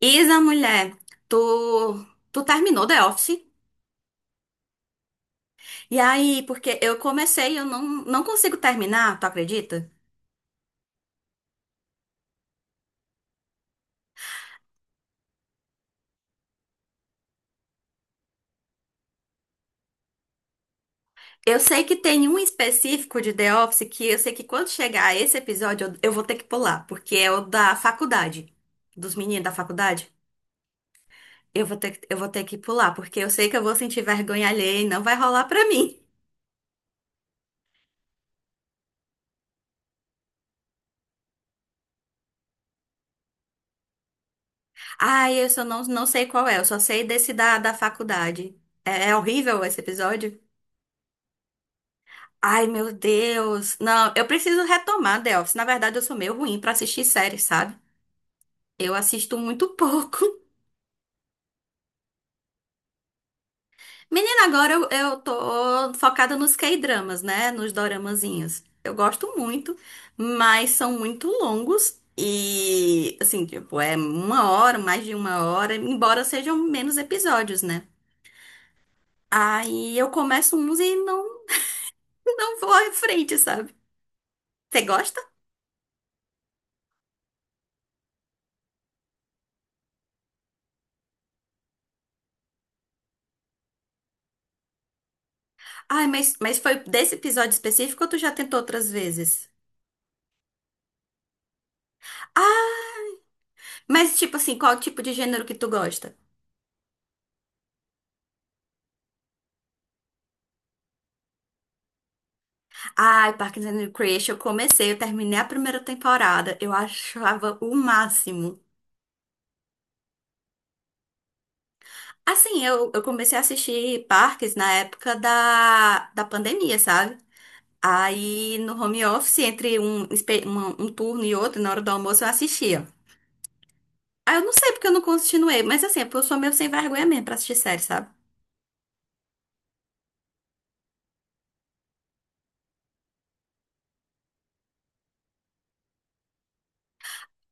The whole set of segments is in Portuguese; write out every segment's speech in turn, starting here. Isa, mulher, tu, tu terminou The Office? E aí, porque eu comecei e eu não consigo terminar, tu acredita? Eu sei que tem um específico de The Office que eu sei que quando chegar esse episódio eu vou ter que pular, porque é o da faculdade, dos meninos da faculdade. Eu vou ter que pular, porque eu sei que eu vou sentir vergonha alheia e não vai rolar pra mim. Ai, eu só não sei qual é, eu só sei desse da faculdade. É horrível esse episódio? Ai, meu Deus. Não, eu preciso retomar The Office. Na verdade, eu sou meio ruim pra assistir séries, sabe? Eu assisto muito pouco. Menina, agora eu tô focada nos K-dramas, né? Nos doramazinhos. Eu gosto muito, mas são muito longos. E, assim, tipo, é uma hora, mais de uma hora, embora sejam menos episódios, né? Aí eu começo uns e não vou à frente, sabe? Você gosta? Ai, mas foi desse episódio específico ou tu já tentou outras vezes? Ah, mas, tipo assim, qual tipo de gênero que tu gosta? Ai, Parks and Recreation, eu comecei, eu terminei a primeira temporada, eu achava o máximo. Assim, eu comecei a assistir Parks na época da pandemia, sabe? Aí, no home office, entre um turno e outro, na hora do almoço, eu assistia. Aí, eu não sei porque eu não continuei, mas assim, é porque eu sou meio sem vergonha mesmo pra assistir série, sabe?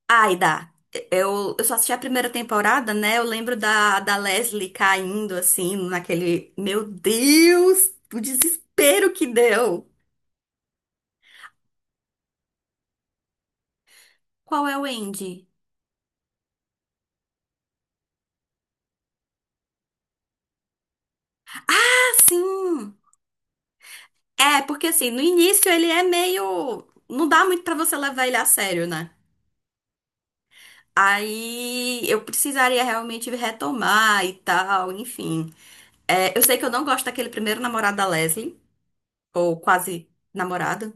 Ai, dá. Eu só assisti a primeira temporada, né? Eu lembro da Leslie caindo, assim, naquele meu Deus, o desespero que deu! Qual é o Andy? Ah, sim! É, porque assim, no início ele é meio. Não dá muito pra você levar ele a sério, né? Aí eu precisaria realmente retomar e tal, enfim. É, eu sei que eu não gosto daquele primeiro namorado da Leslie, ou quase namorado.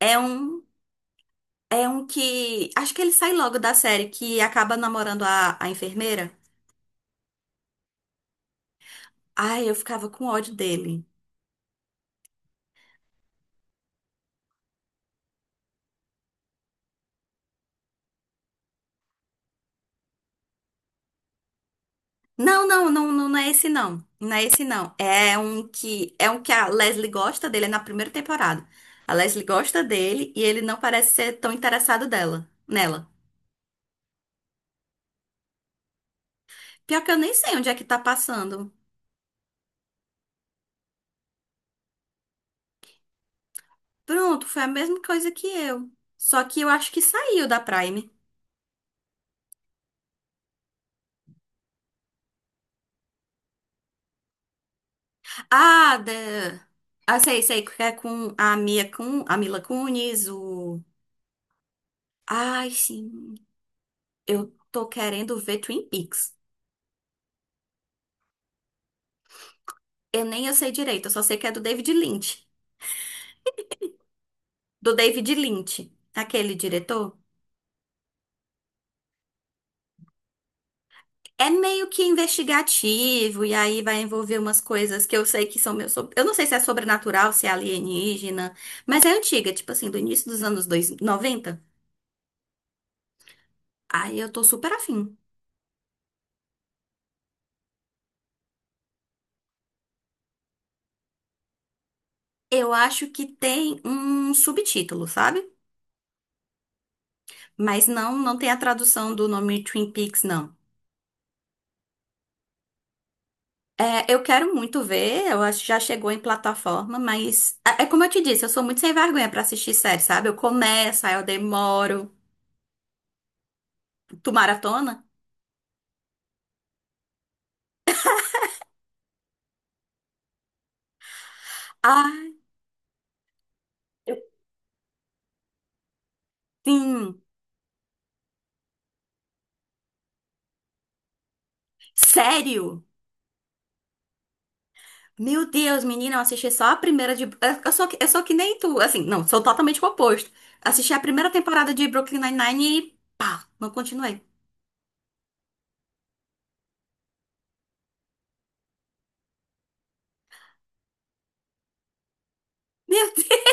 É um É um que, acho que ele sai logo da série, que acaba namorando a enfermeira. Ai, eu ficava com ódio dele. Não é esse não. Não é esse não. É um que a Leslie gosta dele, é na primeira temporada. A Leslie gosta dele e ele não parece ser tão interessado nela. Pior que eu nem sei onde é que tá passando. Pronto, foi a mesma coisa que eu. Só que eu acho que saiu da Prime. Ah, da. Ah, sei, que é com a a Mila Kunis, o. Ai, sim. Eu tô querendo ver Twin Peaks. Eu nem eu sei direito, eu só sei que é do David Lynch. Do David Lynch, aquele diretor. É meio que investigativo, e aí vai envolver umas coisas que eu sei que são meus. Eu não sei se é sobrenatural, se é alienígena, mas é antiga, tipo assim, do início dos anos 90. Aí eu tô super afim. Eu acho que tem um subtítulo, sabe? Mas não tem a tradução do nome Twin Peaks, não. É, eu quero muito ver, eu acho que já chegou em plataforma, mas é como eu te disse, eu sou muito sem vergonha pra assistir série, sabe? Eu começo, aí eu demoro. Tu maratona? Ah, eu sim. Sério? Meu Deus, menina, eu assisti só a primeira de. Eu sou que nem tu, assim, não, sou totalmente o oposto. Assisti a primeira temporada de Brooklyn Nine-Nine e pá, não continuei. Meu Deus!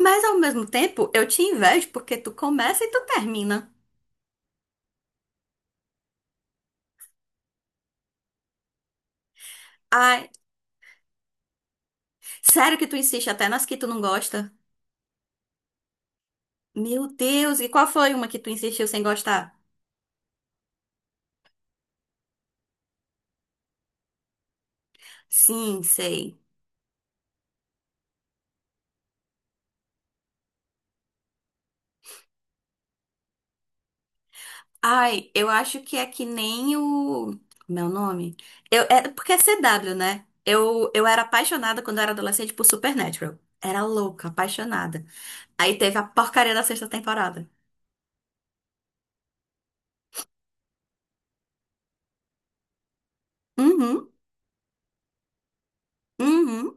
Mas ao mesmo tempo, eu te invejo porque tu começa e tu termina. Ai, sério que tu insiste até nas que tu não gosta? Meu Deus, e qual foi uma que tu insistiu sem gostar? Sim, sei. Ai, eu acho que é que nem o meu nome. Eu é porque é CW, né? Eu era apaixonada quando eu era adolescente por Supernatural. Era louca, apaixonada. Aí teve a porcaria da sexta temporada. Uhum, uhum.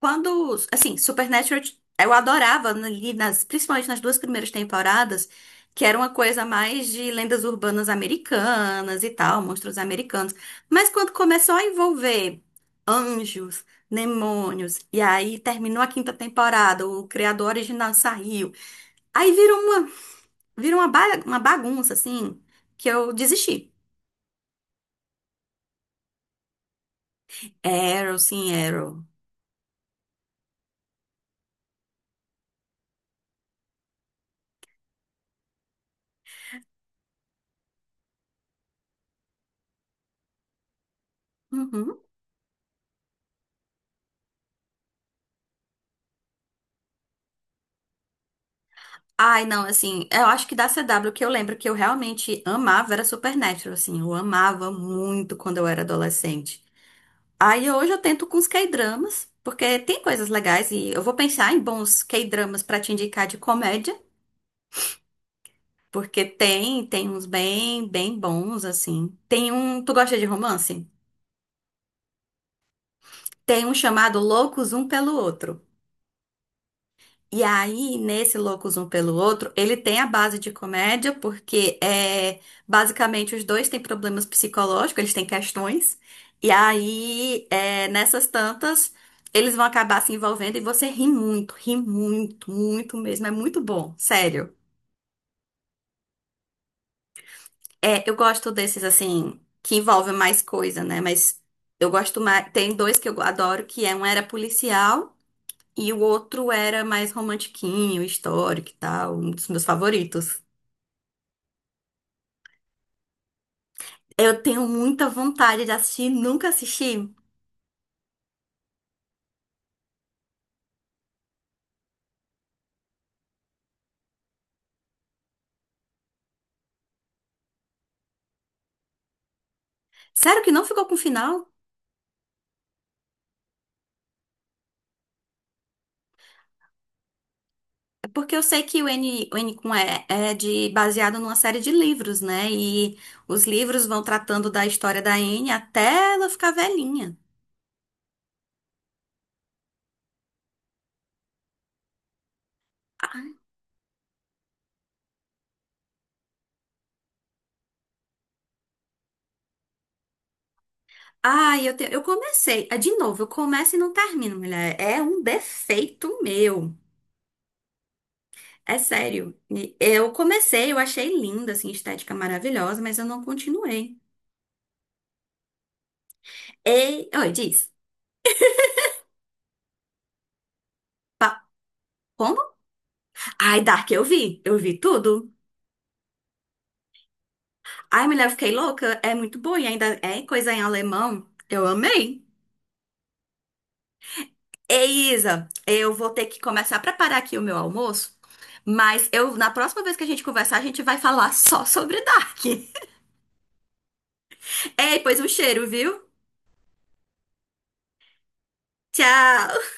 Quando, assim, Supernatural, eu adorava ali nas, principalmente nas duas primeiras temporadas, que era uma coisa mais de lendas urbanas americanas e tal, monstros americanos. Mas quando começou a envolver anjos, demônios, e aí terminou a quinta temporada, o criador original saiu. Aí virou uma, virou uma bagunça, assim, que eu desisti. Arrow, sim, Arrow. Uhum. Ai, não, assim, eu acho que da CW que eu lembro que eu realmente amava era Supernatural, assim, eu amava muito quando eu era adolescente. Aí hoje eu tento com os K-dramas, porque tem coisas legais e eu vou pensar em bons K-dramas pra te indicar de comédia, porque tem uns bem bons, assim. Tem um, tu gosta de romance? Tem um chamado Loucos Um Pelo Outro. E aí, nesse Loucos Um Pelo Outro, ele tem a base de comédia, porque é basicamente os dois têm problemas psicológicos, eles têm questões. E aí, é, nessas tantas, eles vão acabar se envolvendo e você ri muito, muito mesmo. É muito bom, sério. É, eu gosto desses, assim, que envolvem mais coisa, né? Mas eu gosto mais. Tem dois que eu adoro, que é um era policial e o outro era mais romantiquinho, histórico e tal, um dos meus favoritos. Eu tenho muita vontade de assistir, nunca assisti. Sério que não ficou com final? É, porque eu sei que o N com E é de, baseado numa série de livros, né? E os livros vão tratando da história da N até ela ficar velhinha. Eu comecei. Ah, de novo, eu começo e não termino, mulher. É um defeito meu. É sério. E eu comecei, eu achei linda, assim, estética maravilhosa, mas eu não continuei. Ei, oi, diz. Pa- ai, Dark, eu vi. Eu vi tudo. Ai, mulher, eu fiquei louca. É muito bom, e ainda é coisa em alemão. Eu amei. Ei, Isa, eu vou ter que começar a preparar aqui o meu almoço. Mas eu, na próxima vez que a gente conversar, a gente vai falar só sobre Dark. Ei, pois um cheiro, viu? Tchau!